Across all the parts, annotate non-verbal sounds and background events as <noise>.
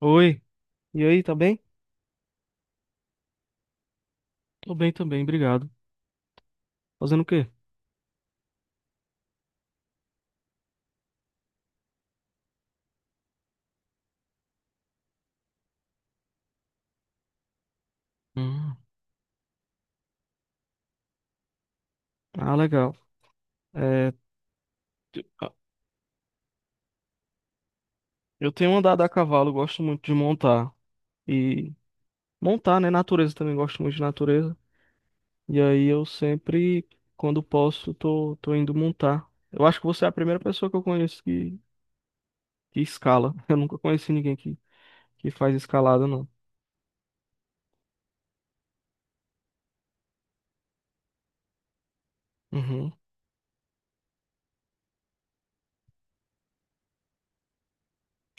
Oi, e aí, tá bem? Tô bem também, obrigado. Fazendo o quê? Hum. Ah, legal. É, t- ah, eu tenho andado a cavalo, gosto muito de montar. E montar, né? Natureza também, gosto muito de natureza. E aí eu sempre, quando posso, tô indo montar. Eu acho que você é a primeira pessoa que eu conheço que escala. <laughs> Eu nunca conheci ninguém que faz escalada, não. Uhum,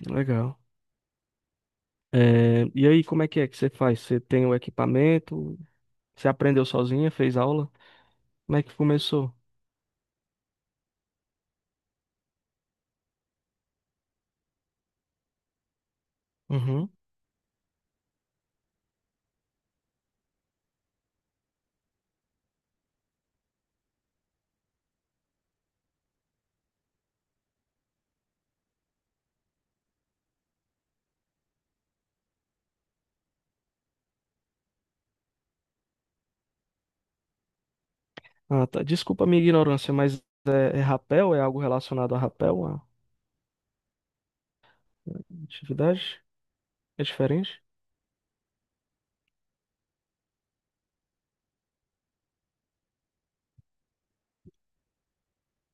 legal. É, e aí, como é que você faz? Você tem o equipamento? Você aprendeu sozinha? Fez aula? Como é que começou? Uhum. Ah, tá. Desculpa a minha ignorância, mas é, é rapel? É algo relacionado a rapel? A atividade? É diferente?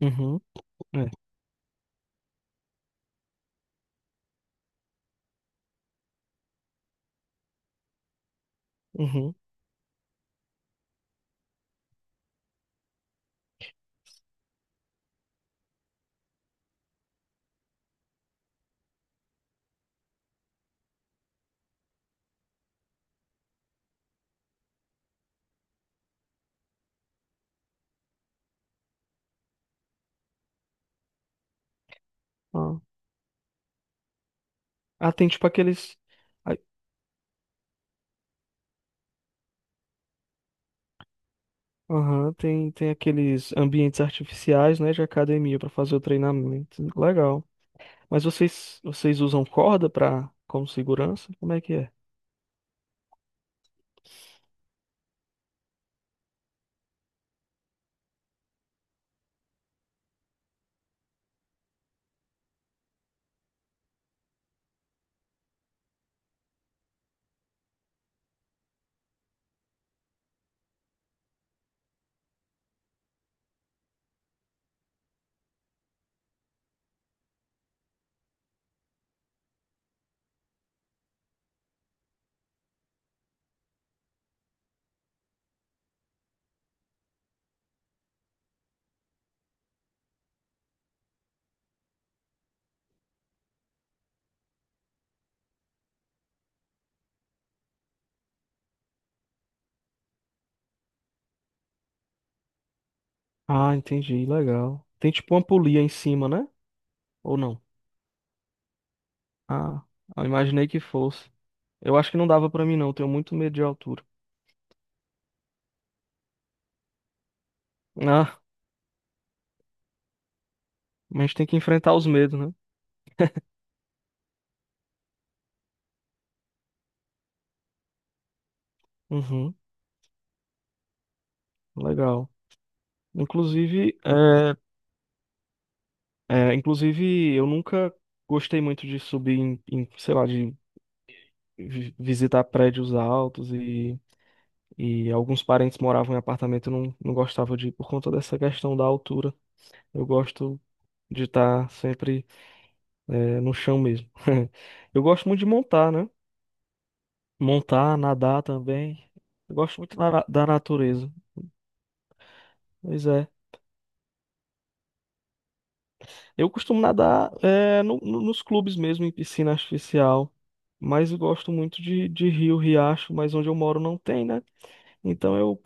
Uhum. É. Uhum. Ah. Ah, tem tipo aqueles. ai, Aham, tem, tem aqueles ambientes artificiais, né, de academia para fazer o treinamento. Legal. Mas vocês usam corda para como segurança? Como é que é? Ah, entendi. Legal. Tem tipo uma polia em cima, né? Ou não? Ah, eu imaginei que fosse. Eu acho que não dava pra mim não. eu Tenho muito medo de altura. Ah, mas a gente tem que enfrentar os medos, né? Uhum, legal. Inclusive, é, é, inclusive, eu nunca gostei muito de subir em, em, sei lá, de visitar prédios altos e alguns parentes moravam em apartamento e não, não gostava de ir por conta dessa questão da altura. Eu gosto de estar sempre, é, no chão mesmo. <laughs> Eu gosto muito de montar, né? Montar, nadar também. Eu gosto muito da natureza. Pois é. Eu costumo nadar é, nos clubes mesmo, em piscina artificial. Mas eu gosto muito de rio, riacho, mas onde eu moro não tem, né? Então eu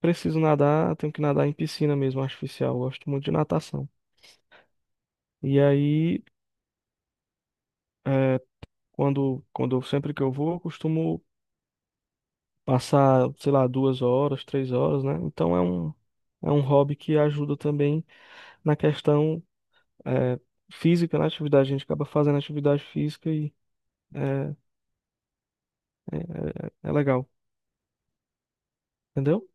preciso nadar, tenho que nadar em piscina mesmo, artificial. Eu gosto muito de natação. E aí, é, sempre que eu vou, eu costumo passar, sei lá, duas horas, três horas, né? Então é um hobby que ajuda também na questão, é, física, na atividade. A gente acaba fazendo atividade física e é, é, é legal. Entendeu?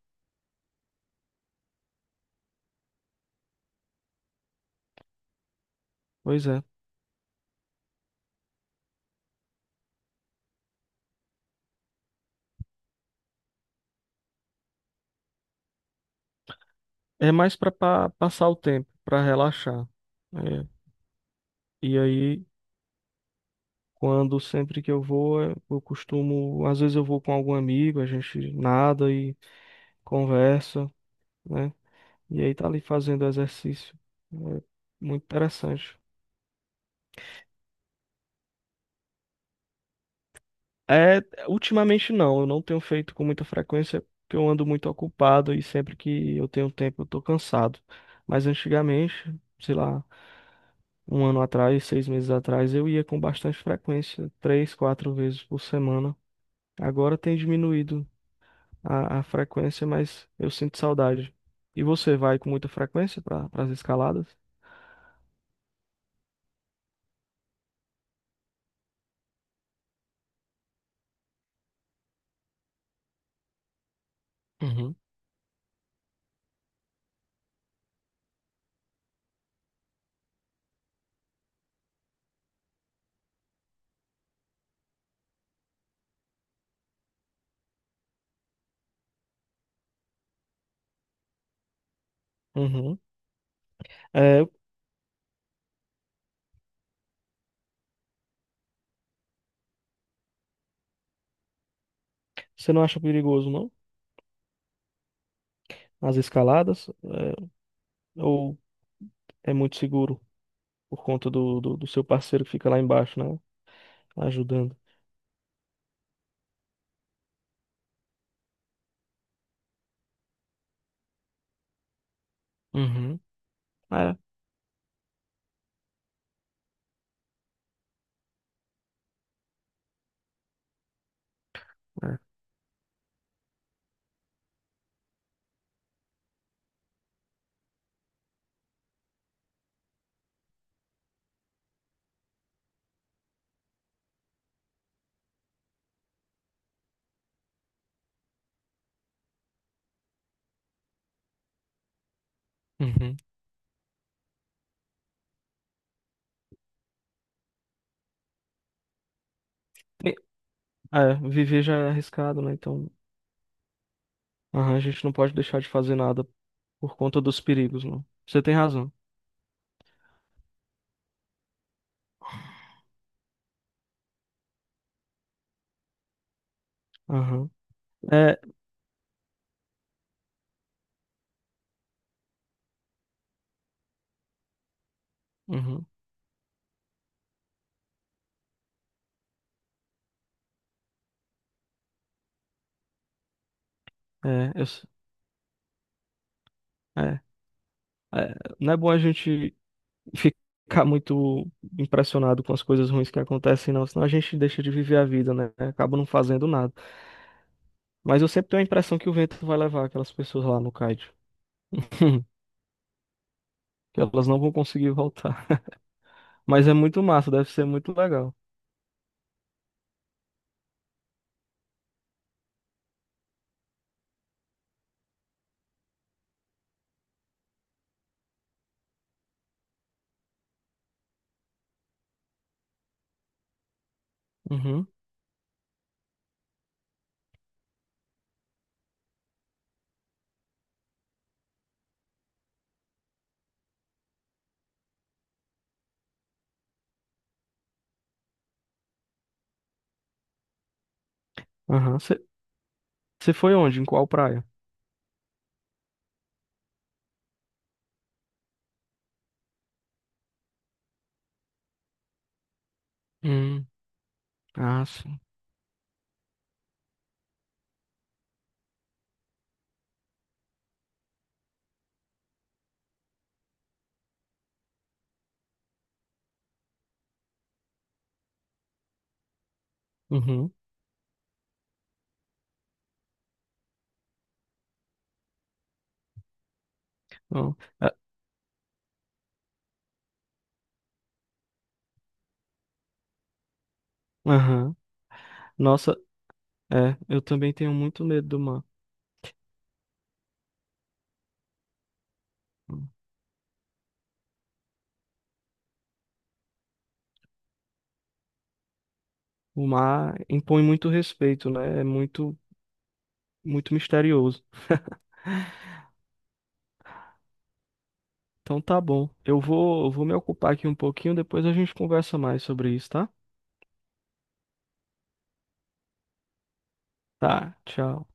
Pois é. É mais pra passar o tempo, pra relaxar. É. E aí, quando sempre que eu vou, é, eu costumo, às vezes eu vou com algum amigo, a gente nada e conversa, né? E aí tá ali fazendo exercício. É muito interessante. É, ultimamente não, eu não tenho feito com muita frequência porque eu ando muito ocupado e sempre que eu tenho tempo eu tô cansado. Mas antigamente, sei lá, um ano atrás, seis meses atrás, eu ia com bastante frequência, três, quatro vezes por semana. Agora tem diminuído a frequência, mas eu sinto saudade. E você vai com muita frequência para as escaladas? Uhum. Uhum. É, você não acha perigoso, não? As escaladas? É, ou é muito seguro por conta do seu parceiro que fica lá embaixo, né? Ajudando. Uhum. É, é. Uhum. Tem- é, viver já é arriscado, né? Então aham, a gente não pode deixar de fazer nada por conta dos perigos, não. Você tem razão. Aham. É, uhum, é, é, não é bom a gente ficar muito impressionado com as coisas ruins que acontecem, não, senão a gente deixa de viver a vida, né? Acaba não fazendo nada. Mas eu sempre tenho a impressão que o vento vai levar aquelas pessoas lá no Kaiju, <laughs> que elas não vão conseguir voltar. Mas é muito massa, deve ser muito legal. Uhum, aham. Você foi onde? Em qual praia? Hum, ah, sim. Uhum. Bom, é, aham. Nossa, é, eu também tenho muito medo do mar. O mar impõe muito respeito, né? É muito, muito misterioso. Então tá bom. Eu vou me ocupar aqui um pouquinho, depois a gente conversa mais sobre isso, tá? Tá, tchau.